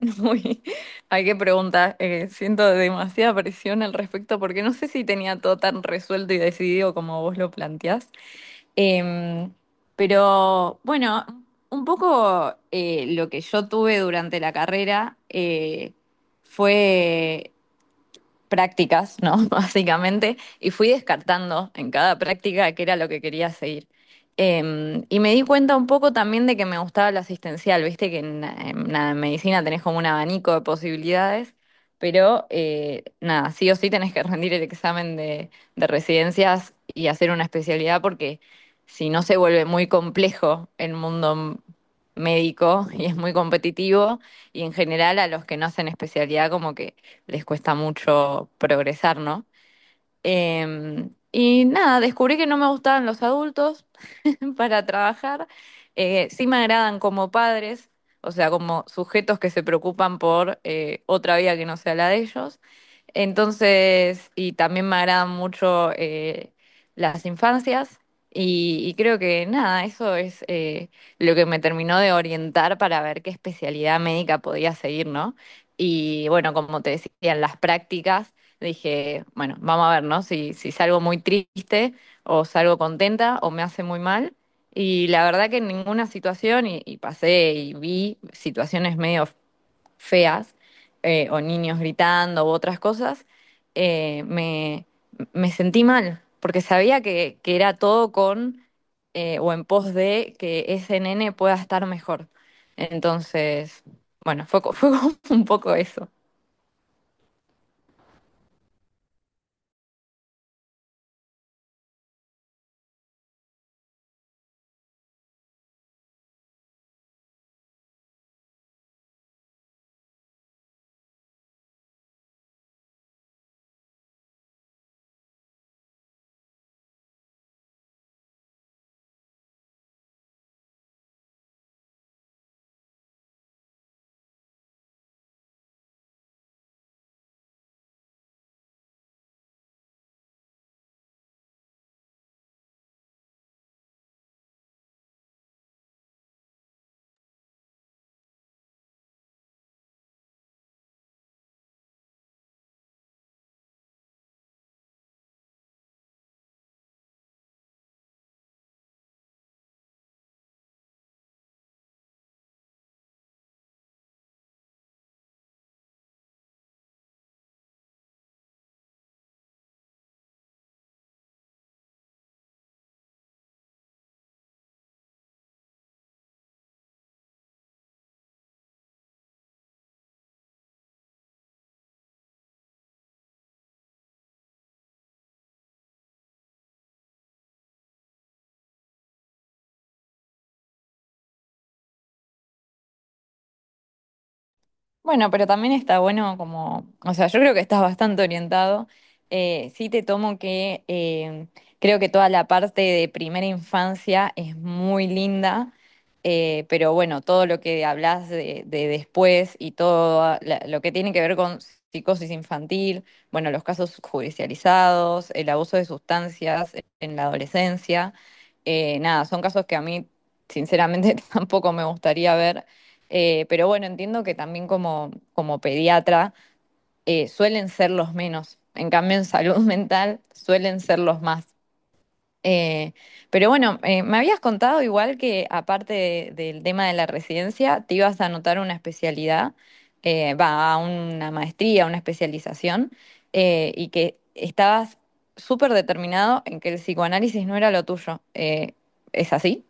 Uy, hay que preguntar. Siento demasiada presión al respecto porque no sé si tenía todo tan resuelto y decidido como vos lo planteás. Em, pero bueno, un poco lo que yo tuve durante la carrera fue prácticas, ¿no? Básicamente, y fui descartando en cada práctica qué era lo que quería seguir. Y me di cuenta un poco también de que me gustaba lo asistencial, viste que en la medicina tenés como un abanico de posibilidades, pero nada, sí o sí tenés que rendir el examen de residencias y hacer una especialidad porque si no se vuelve muy complejo el mundo médico y es muy competitivo y en general a los que no hacen especialidad como que les cuesta mucho progresar, ¿no? Y nada, descubrí que no me gustaban los adultos. Para trabajar. Sí me agradan como padres, o sea, como sujetos que se preocupan por otra vida que no sea la de ellos. Entonces, y también me agradan mucho las infancias y creo que nada, eso es lo que me terminó de orientar para ver qué especialidad médica podía seguir, ¿no? Y bueno, como te decía en las prácticas, dije, bueno, vamos a ver, ¿no? Si salgo muy triste o salgo contenta o me hace muy mal. Y la verdad que en ninguna situación, y pasé y vi situaciones medio feas, o niños gritando u otras cosas, eh, me, me sentí mal, porque sabía que era todo con o en pos de que ese nene pueda estar mejor. Entonces, bueno, fue como un poco eso. Bueno, pero también está bueno como, o sea, yo creo que estás bastante orientado. Sí te tomo que creo que toda la parte de primera infancia es muy linda, pero bueno, todo lo que hablas de después y todo lo que tiene que ver con psicosis infantil, bueno, los casos judicializados, el abuso de sustancias en la adolescencia, nada, son casos que a mí sinceramente tampoco me gustaría ver. Pero bueno, entiendo que también como, como pediatra suelen ser los menos. En cambio, en salud mental suelen ser los más. Eh, pero bueno, me habías contado igual que aparte del tema de la residencia, te ibas a anotar una especialidad, va, a una maestría, una especialización, y que estabas súper determinado en que el psicoanálisis no era lo tuyo. ¿Es así?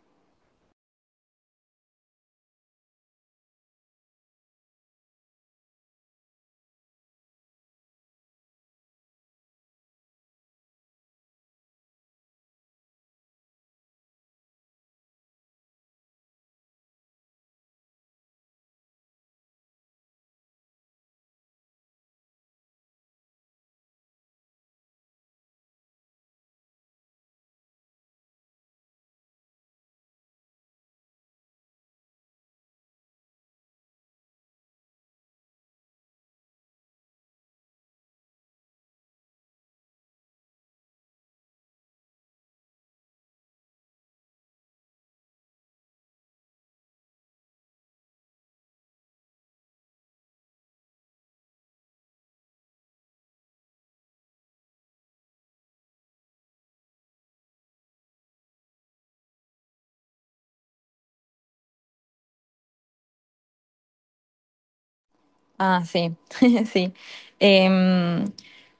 Ah, sí, sí. Em,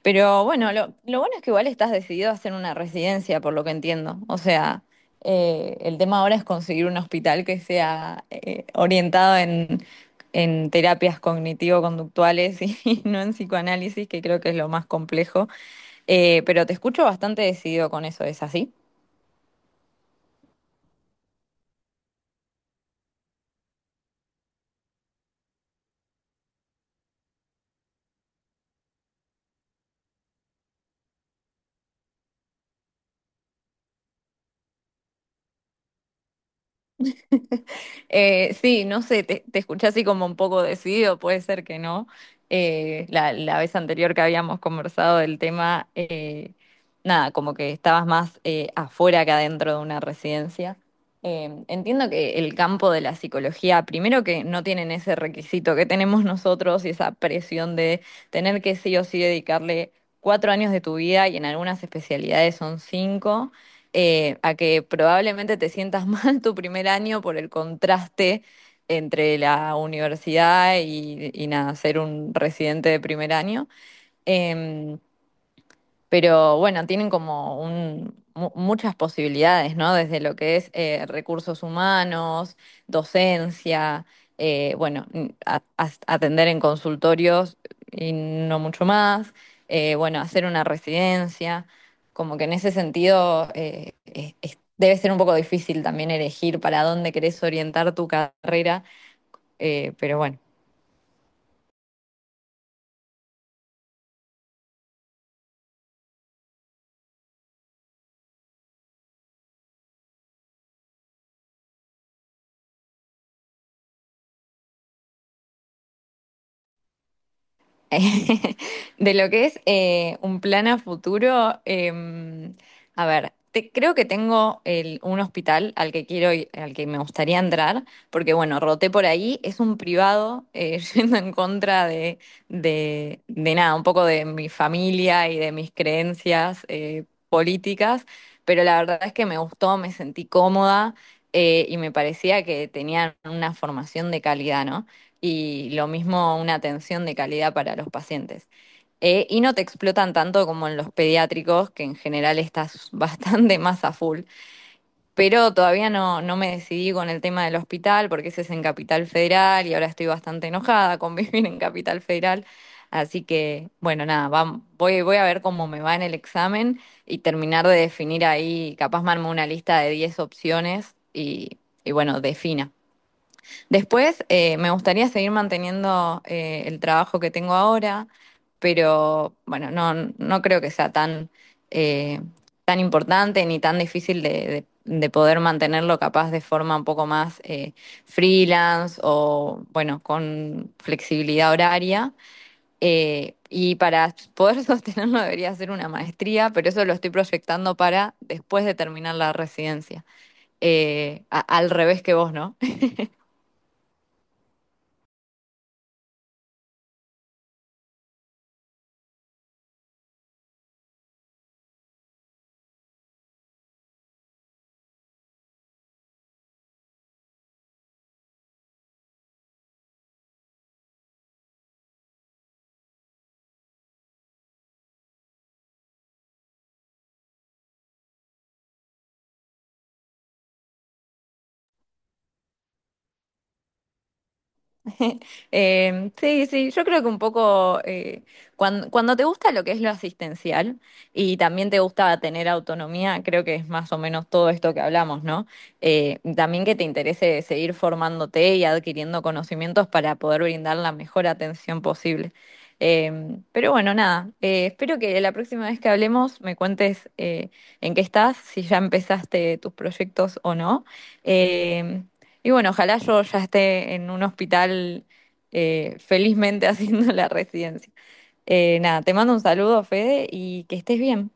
pero bueno, lo bueno es que igual estás decidido a hacer una residencia, por lo que entiendo. O sea, el tema ahora es conseguir un hospital que sea orientado en terapias cognitivo-conductuales y y no en psicoanálisis, que creo que es lo más complejo. Pero te escucho bastante decidido con eso, ¿es así? Sí, no sé, te escuché así como un poco decidido, puede ser que no. La vez anterior que habíamos conversado del tema, nada, como que estabas más afuera que adentro de una residencia. Entiendo que el campo de la psicología, primero que no tienen ese requisito que tenemos nosotros y esa presión de tener que sí o sí dedicarle 4 años de tu vida y en algunas especialidades son 5 a que probablemente te sientas mal tu primer año por el contraste entre la universidad y nada, ser un residente de primer año. Em, pero bueno, tienen como un, muchas posibilidades, ¿no? Desde lo que es recursos humanos, docencia, bueno, atender en consultorios y no mucho más, bueno, hacer una residencia, como que en ese sentido debe ser un poco difícil también elegir para dónde querés orientar tu carrera, pero bueno. De lo que es un plan a futuro, em, a ver, creo que tengo un hospital al que quiero al que me gustaría entrar, porque bueno, roté por ahí, es un privado, yendo en contra de, de nada, un poco de mi familia y de mis creencias políticas, pero la verdad es que me gustó, me sentí cómoda y me parecía que tenían una formación de calidad, ¿no? Y lo mismo una atención de calidad para los pacientes. Y no te explotan tanto como en los pediátricos, que en general estás bastante más a full. Pero todavía no me decidí con el tema del hospital, porque ese es en Capital Federal y ahora estoy bastante enojada con vivir en Capital Federal. Así que, bueno, nada, voy a ver cómo me va en el examen y terminar de definir ahí, capaz me armo una lista de 10 opciones y bueno, defina. Después, me gustaría seguir manteniendo el trabajo que tengo ahora, pero bueno, no creo que sea tan, eh, tan importante ni tan difícil de, de poder mantenerlo capaz de forma un poco más freelance o bueno, con flexibilidad horaria. Y para poder sostenerlo debería ser una maestría, pero eso lo estoy proyectando para después de terminar la residencia. Al revés que vos, ¿no? Sí, sí, yo creo que un poco cuando te gusta lo que es lo asistencial y también te gusta tener autonomía, creo que es más o menos todo esto que hablamos, ¿no? También que te interese seguir formándote y adquiriendo conocimientos para poder brindar la mejor atención posible. Em, pero bueno, nada, espero que la próxima vez que hablemos me cuentes en qué estás, si ya empezaste tus proyectos o no. Em, y bueno, ojalá yo ya esté en un hospital felizmente haciendo la residencia. Nada, te mando un saludo, Fede, y que estés bien.